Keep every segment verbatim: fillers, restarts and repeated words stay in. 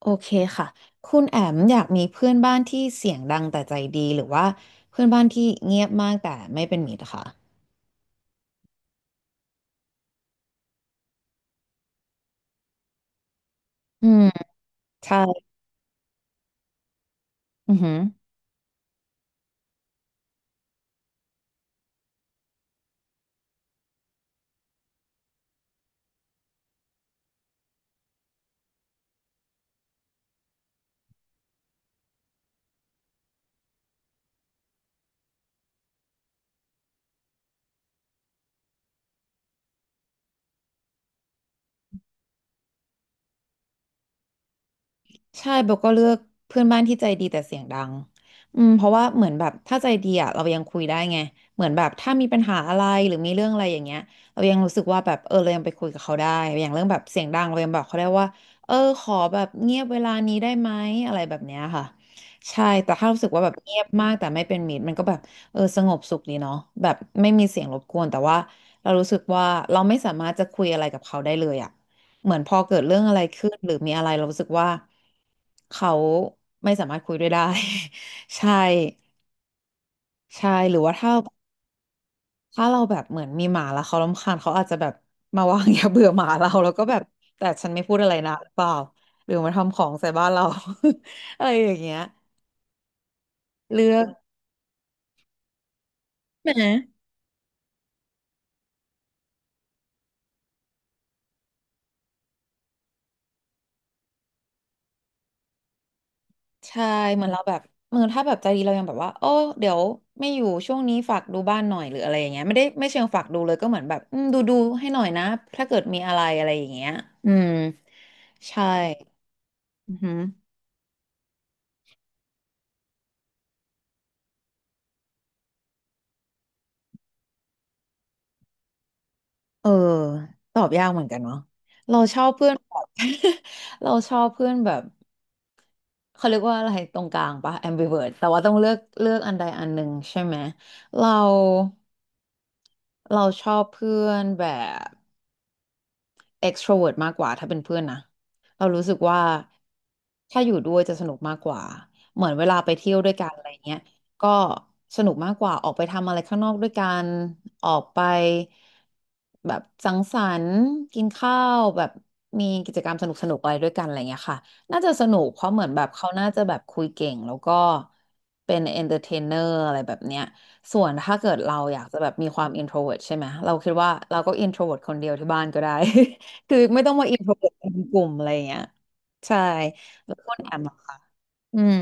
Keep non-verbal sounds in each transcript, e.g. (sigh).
โอเคค่ะ คุณแอมอยากมีเพื่อนบ้านที่เสียงดังแต่ใจดีหรือว่าเพื่อนบ้านที่เงียบมากแต่ไม่เป็นมิตรค่ะอืมใช่อือฮึ ใช่เบลก็เลือกเพื่อนบ้านที่ใจดีแต่เสียงดังอืมเพราะว่าเหมือนแบบถ้าใจดีอ่ะเรายังคุยได้ไงเหมือนแบบถ้ามีปัญหาอะไรหรือมีเรื่องอะไรอย่างเงี้ยเรายังรู้สึกว่าแบบเออเรายังไปคุยกับเขาได้อย่างเรื่องแบบเสียงดังเรายังบอกเขาได้ว่าเออขอแบบเงียบเวลานี้ได้ไหมอะไรแบบเนี้ยค่ะใช่แต่ถ้ารู้สึกว่าแบบเงียบมากแต่ไม่เป็นมิตรมันก็แบบเออสงบสุขดีเนาะแบบไม่มีเสียงรบกวนแต่ว่าเรารู้สึกว่าเราไม่สามารถจะคุยอะไรกับเขาได้เลยอ่ะ เหมือนพอเกิดเรื่องอะไรขึ้นหรือมีอะไรเรารู้สึกว่าเขาไม่สามารถคุยด้วยได้ (laughs) ใช่ใช่หรือว่าถ้าถ้าเราแบบเหมือนมีหมาแล้วเขารำคาญเขาอาจจะแบบมาวาง (laughs) ยาเบื่อหมาเราแล้วก็แบบแต่ฉันไม่พูดอะไรนะหรือเปล่าหรือมาทำของใส่บ้านเรา (laughs) อะไรอย่างเงี้ยเลือกใช่ไหม ใช่เหมือนเราแบบเหมือนถ้าแบบใจดีเรายังแบบว่าโอ้เดี๋ยวไม่อยู่ช่วงนี้ฝากดูบ้านหน่อยหรืออะไรอย่างเงี้ยไม่ได้ไม่เชิงฝากดูเลยก็เหมือนแบบอืมดูดูให้หน่อยนะถ้าเกิดมีอะไรอะไรอย่างเงี้ยอืมใช่อือหือเออตอบยากเหมือนกันเนาะเราชอบเพื่อนแบบ (laughs) เราชอบเพื่อนแบบเขาเรียกว่าอะไรตรงกลางปะ ambivert แต่ว่าต้องเลือกเลือกอันใดอันหนึ่งใช่ไหมเราเราชอบเพื่อนแบบ extrovert มากกว่าถ้าเป็นเพื่อนนะเรารู้สึกว่าถ้าอยู่ด้วยจะสนุกมากกว่าเหมือนเวลาไปเที่ยวด้วยกันอะไรเงี้ยก็สนุกมากกว่าออกไปทำอะไรข้างนอกด้วยกันออกไปแบบสังสรรค์กินข้าวแบบมีกิจกรรมสนุกสนุกอะไรด้วยกันอะไรเงี้ยค่ะน่าจะสนุกเพราะเหมือนแบบเขาน่าจะแบบคุยเก่งแล้วก็เป็นเอนเตอร์เทนเนอร์อะไรแบบเนี้ยส่วนถ้าเกิดเราอยากจะแบบมีความ introvert ใช่ไหมเราคิดว่าเราก็ introvert คนเดียวที่บ้านก็ได้ คือไม่ต้องมาอินโทรเวิร์ตเป็นกลุ่มอะไรอย่างเงี้ยใช่แล้วก็แอมอะค่ะอืม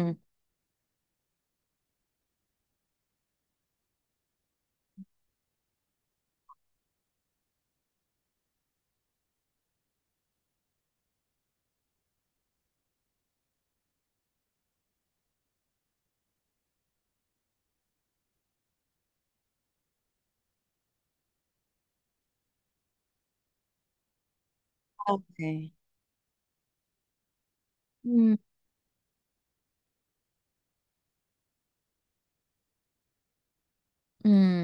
โอเคอืมอืม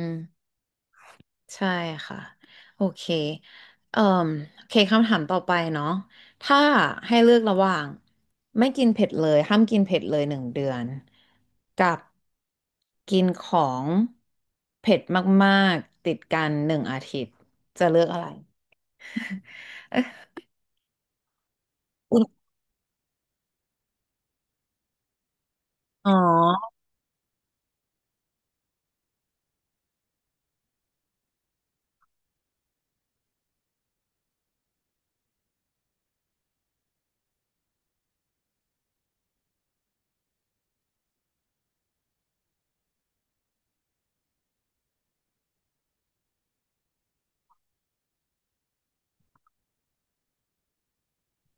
ใช่ค่ะโอเคเอ่มโอเคคำถามต่อไปเนาะถ้าให้เลือกระหว่างไม่กินเผ็ดเลยห้ามกินเผ็ดเลยหนึ่งเดือนกับกินของเผ็ดมากๆติดกันหนึ่งอาทิตย์จะเลือกอะไรเอ๊ะคุณอ๋อ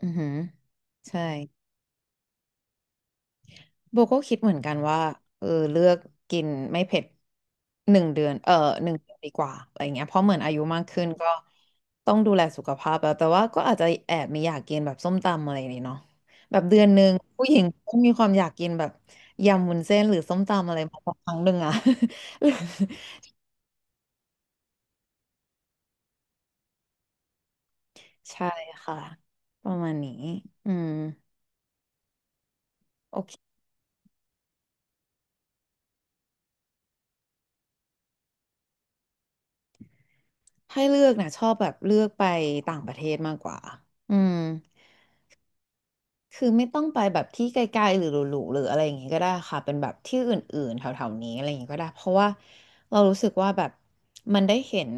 อือหือใช่ โบก็คิดเหมือนกันว่าเออเลือกกินไม่เผ็ดหนึ่งเดือนเออหนึ่งเดือนดีกว่าอะไรเงี้ยเพราะเหมือนอายุมากขึ้นก็ต้องดูแลสุขภาพแล้วแต่ว่าก็อาจจะแอบมีอยากกินแบบส้มตำอะไรนี่เนาะแบบเดือนหนึ่งผู้หญิงก็มีความอยากกินแบบยำวุ้นเส้นหรือส้มตำอะไรมาสักครั้งหนึ่งอะ (laughs) ใช่ค่ะประมาณนี้อืมโอเคให้เลือกนะชอบแบบเลือกไปต่างประเทศมากกว่าอืม คือไม่ต้องไปแบบที่ไกลๆหรือหรูๆหรืออะไรอย่างงี้ก็ได้ค่ะเป็นแบบที่อื่นๆแถวๆนี้อะไรอย่างงี้ก็ได้เพราะว่าเรารู้สึกว่าแบบมันได้เห็น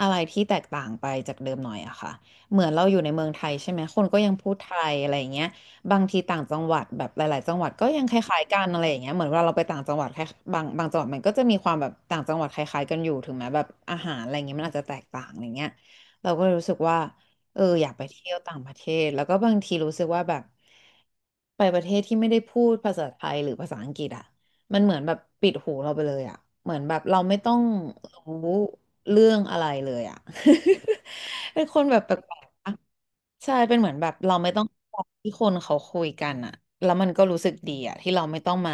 อะไรที่แตกต่างไปจากเดิมหน่อยอะค่ะเหมือนเราอยู่ในเมืองไทยใช่ไหมคนก็ยังพูดไทยอะไรอย่างเงี้ยบางทีต่างจังหวัดแบบหลายๆจังหวัดก็ยังคล้ายๆกันอะไรอย่างเงี้ยเหมือนเวลาเราไปต่างจังหวัดแค่บางบางจังหวัดมันก็จะมีความแบบต่างจังหวัดคล้ายๆกันอยู่ถึงแม้แบบอาหารอะไรอย่างเงี้ยมันอาจจะแตกต่างอะไรเงี้ยเราก็เลยรู้สึกว่า เอออยากไปเที่ยวต่างประเทศแล้วก็บางทีรู้สึกว่าแบบไปประเทศที่ไม่ได้พูดภาษาไทยหรือภาษาอังกฤษอ่ะมันเหมือนแบบปิดหูเราไปเลยอ่ะเหมือนแบบเราไม่ต้องรู้เรื่องอะไรเลยอ่ะ (laughs) เป็นคนแบบแปลกๆอะใช่เป็นเหมือนแบบเราไม่ต้องฟังที่คนเขาคุยกันอ่ะแล้วมันก็รู้สึกดีอ่ะที่เราไม่ต้องมา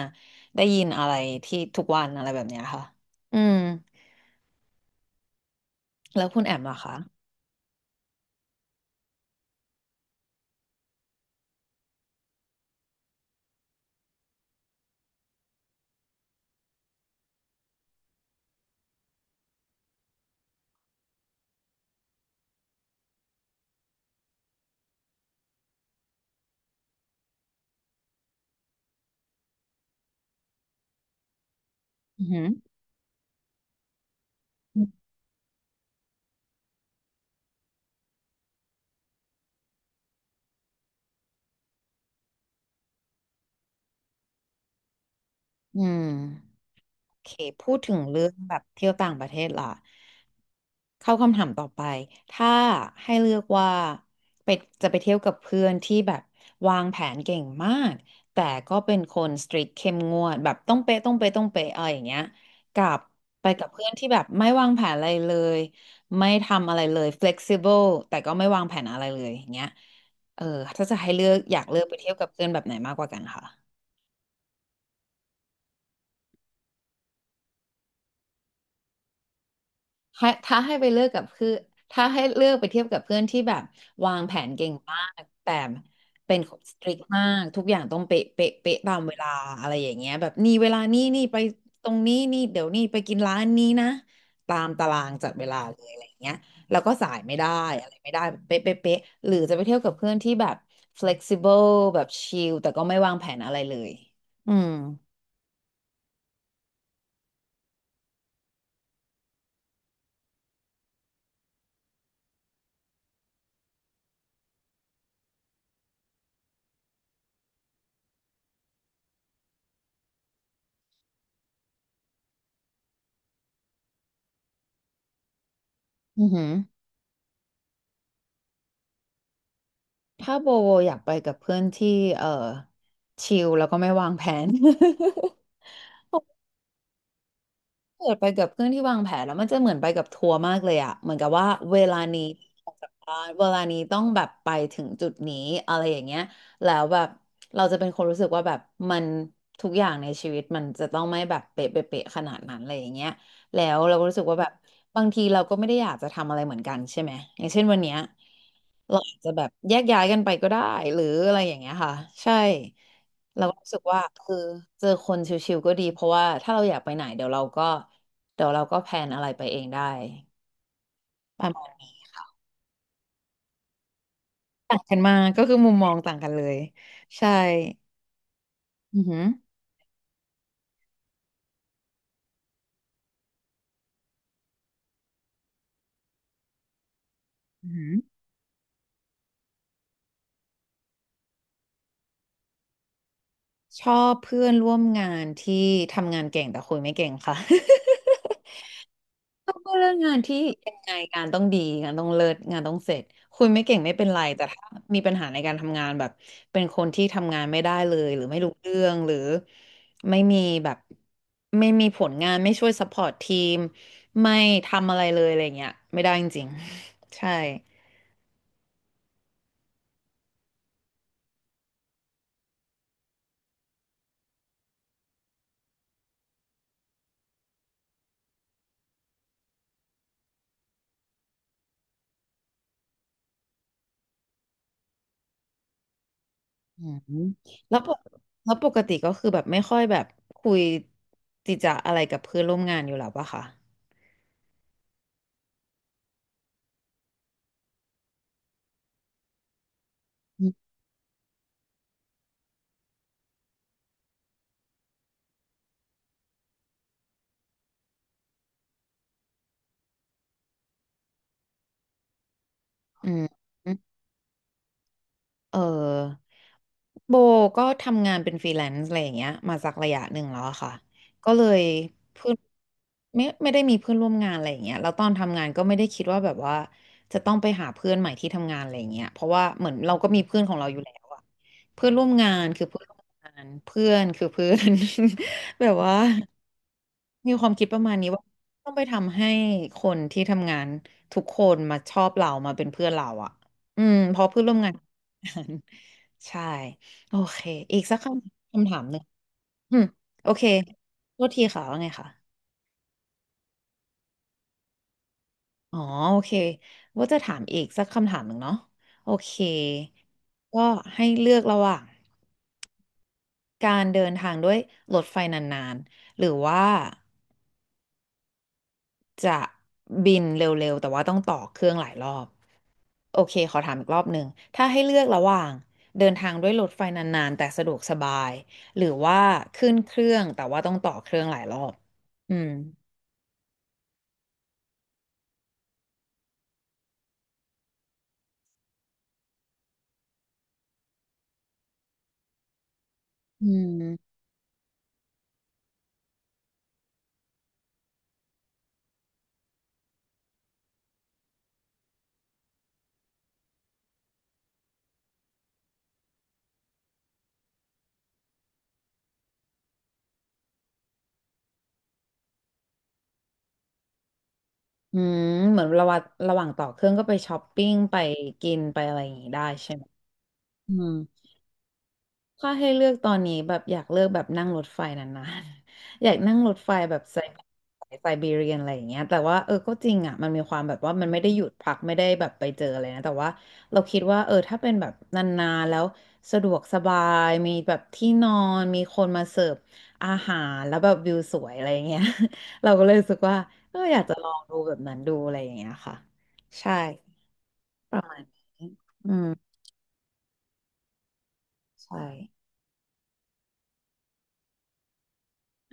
ได้ยินอะไรที่ทุกวันอะไรแบบเนี้ยค่ะอืมแล้วคุณแอมล่ะคะอือหืออืม โอเคพูดถึงเรื่องแบบเที่ยวต่างประเทศล่ะเข้าคำถามต่อไปถ้าให้เลือกว่าไปจะไปเที่ยวกับเพื่อนที่แบบวางแผนเก่งมากแต่ก็เป็นคนสตรีทเข้มงวดแบบต้องเป๊ะต้องเป๊ะต้องเป๊ะอะไรอย่างเงี้ยกับไปกับเพื่อนที่แบบไม่วางแผนอะไรเลยไม่ทำอะไรเลย flexible แต่ก็ไม่วางแผนอะไรเลยอย่างเงี้ยเออถ้าจะให้เลือกอยากเลือกไปเที่ยวกับเพื่อนแบบไหนมากกว่ากันคะ ให้ถ้าให้ไปเลือกกับคือถ้าให้เลือกไปเทียบกับเพื่อนที่แบบวางแผนเก่งมากแต่เป็นสตริกมากทุกอย่างต้องเป๊ะเป๊ะเป๊ะตามเวลาอะไรอย่างเงี้ยแบบนี่เวลานี่นี่ไปตรงนี้นี่เดี๋ยวนี่ไปกินร้านนี้นะตามตารางจัดเวลาเลยอะไรอย่างเงี้ยแล้วก็สายไม่ได้อะไรไม่ได้แบบเป๊ะเป๊ะเป๊ะหรือจะไปเที่ยวกับเพื่อนที่แบบ flexible แบบชิลแต่ก็ไม่วางแผนอะไรเลยอืมอือหือ ถ้าโบอยากไปกับเพื่อนที่เออชิลแล้วก็ไม่วางแผน (laughs) เกิดไปกับเพื่อนที่วางแผนแล้วมันจะเหมือนไปกับทัวร์มากเลยอะเหมือนกับว่าเวลานี้ออกจากบ้านเวลานี้ต้องแบบไปถึงจุดนี้อะไรอย่างเงี้ยแล้วแบบเราจะเป็นคนรู้สึกว่าแบบมันทุกอย่างในชีวิตมันจะต้องไม่แบบเป๊ะเป๊ะเป๊ะขนาดนั้นอะไรอย่างเงี้ยแล้วเราก็รู้สึกว่าแบบบางทีเราก็ไม่ได้อยากจะทำอะไรเหมือนกันใช่ไหมอย่างเช่นวันเนี้ย เราอาจจะแบบแยกย้ายกันไปก็ได้หรืออะไรอย่างเงี้ยค่ะใช่เราก็รู้สึกว่าคือเจอคนชิวๆก็ดีเพราะว่าถ้าเราอยากไปไหนเดี๋ยวเราก็เดี๋ยวเราก็แพลนอะไรไปเองได้ประมาณนี้ต่างกันมากก็คือมุมมองต่างกันเลยใช่อือหืออือหือชอบเพื่อนร่วมงานที่ทำงานเก่งแต่คุยไม่เก่งค่ะ ต้องพูดเรืองงานที่ยังไงงานต้องดีงานต้องเลิศงานต้องเสร็จคุณไม่เก่งไม่เป็นไรแต่ถ้ามีปัญหาในการทำงานแบบเป็นคนที่ทำงานไม่ได้เลยหรือไม่รู้เรื่องหรือไม่มีแบบไม่มีผลงานไม่ช่วยซัพพอร์ตทีมไม่ทำอะไรเลยอะไรเงี้ยไม่ได้จริงๆ (laughs) ใช่อืมแล้วปกแล้วปกติก็คือแบบไม่ค่อยแบบคุยจิจะอะไรกับเพื่อนร่วมงานอยู่แล้วปะคะอืมอืม เออโบก็ทำงานเป็นฟรีแลนซ์อะไรอย่างเงี้ยมาสักระยะหนึ่งแล้วอะค่ะก็เลยเพื่อนไม่ไม่ได้มีเพื่อนร่วมงานอะไรอย่างเงี้ยแล้วตอนทำงานก็ไม่ได้คิดว่าแบบว่าจะต้องไปหาเพื่อนใหม่ที่ทำงานอะไรอย่างเงี้ยเพราะว่าเหมือนเราก็มีเพื่อนของเราอยู่แล้วอะเพื่อนร่วมงานคือเพื่อนร่วมงานเพื่อนคือเพื่อน (laughs) แบบว่ามีความคิดประมาณนี้ว่าต้องไปทำให้คนที่ทำงานทุกคนมาชอบเรามาเป็นเพื่อนเราอะอืมเพราะเพื่อนร่วมงาน ใช่โอเคอีกสักคำคำถามหนึ่งอืมโอเคโทษทีค่ะว่าไงค่ะอ๋อโอเคว่าจะถามอีกสักคำถามหนึ่งเนาะโอเคก็ให้เลือกระหว่างการเดินทางด้วยรถไฟนานๆหรือว่า จะบินเร็วๆแต่ว่าต้องต่อเครื่องหลายรอบโอเคขอถามอีกรอบหนึ่งถ้าให้เลือกระหว่างเดินทางด้วยรถไฟนานๆแต่สะดวกสบายหรือว่าขึ้นเครื่องแต่ว่าต้องต่อเครื่องหลายรอบอืมอืมอืมเหมือนระหว่างระหว่างต่อเครื่องก็ไปช้อปปิ้งไปกินไปอะไรอย่างงี้ได้ใช่ไหมอืม ถ้าให้เลือกตอนนี้แบบอยากเลือกแบบนั่งรถไฟนานๆ (laughs) อยากนั่งรถไฟแบบไซไซบีเรียนอะไรอย่างเงี้ยแต่ว่าเออก็จริงอ่ะมันมีความแบบว่ามันไม่ได้หยุดพักไม่ได้แบบไปเจออะไรนะแต่ว่าเราคิดว่าเออถ้าเป็นแบบนานๆแล้วสะดวกสบายมีแบบที่นอนมีคนมาเสิร์ฟอาหารแล้วแบบวิวสวยอะไรอย่างเงี้ย (laughs) เราก็เลยรู้สึกว่าเอออยากจะลองดูแบบนั้นดูอะไรอย่างเงี้ยค่ะใช่ประมาณนี้อืมใช่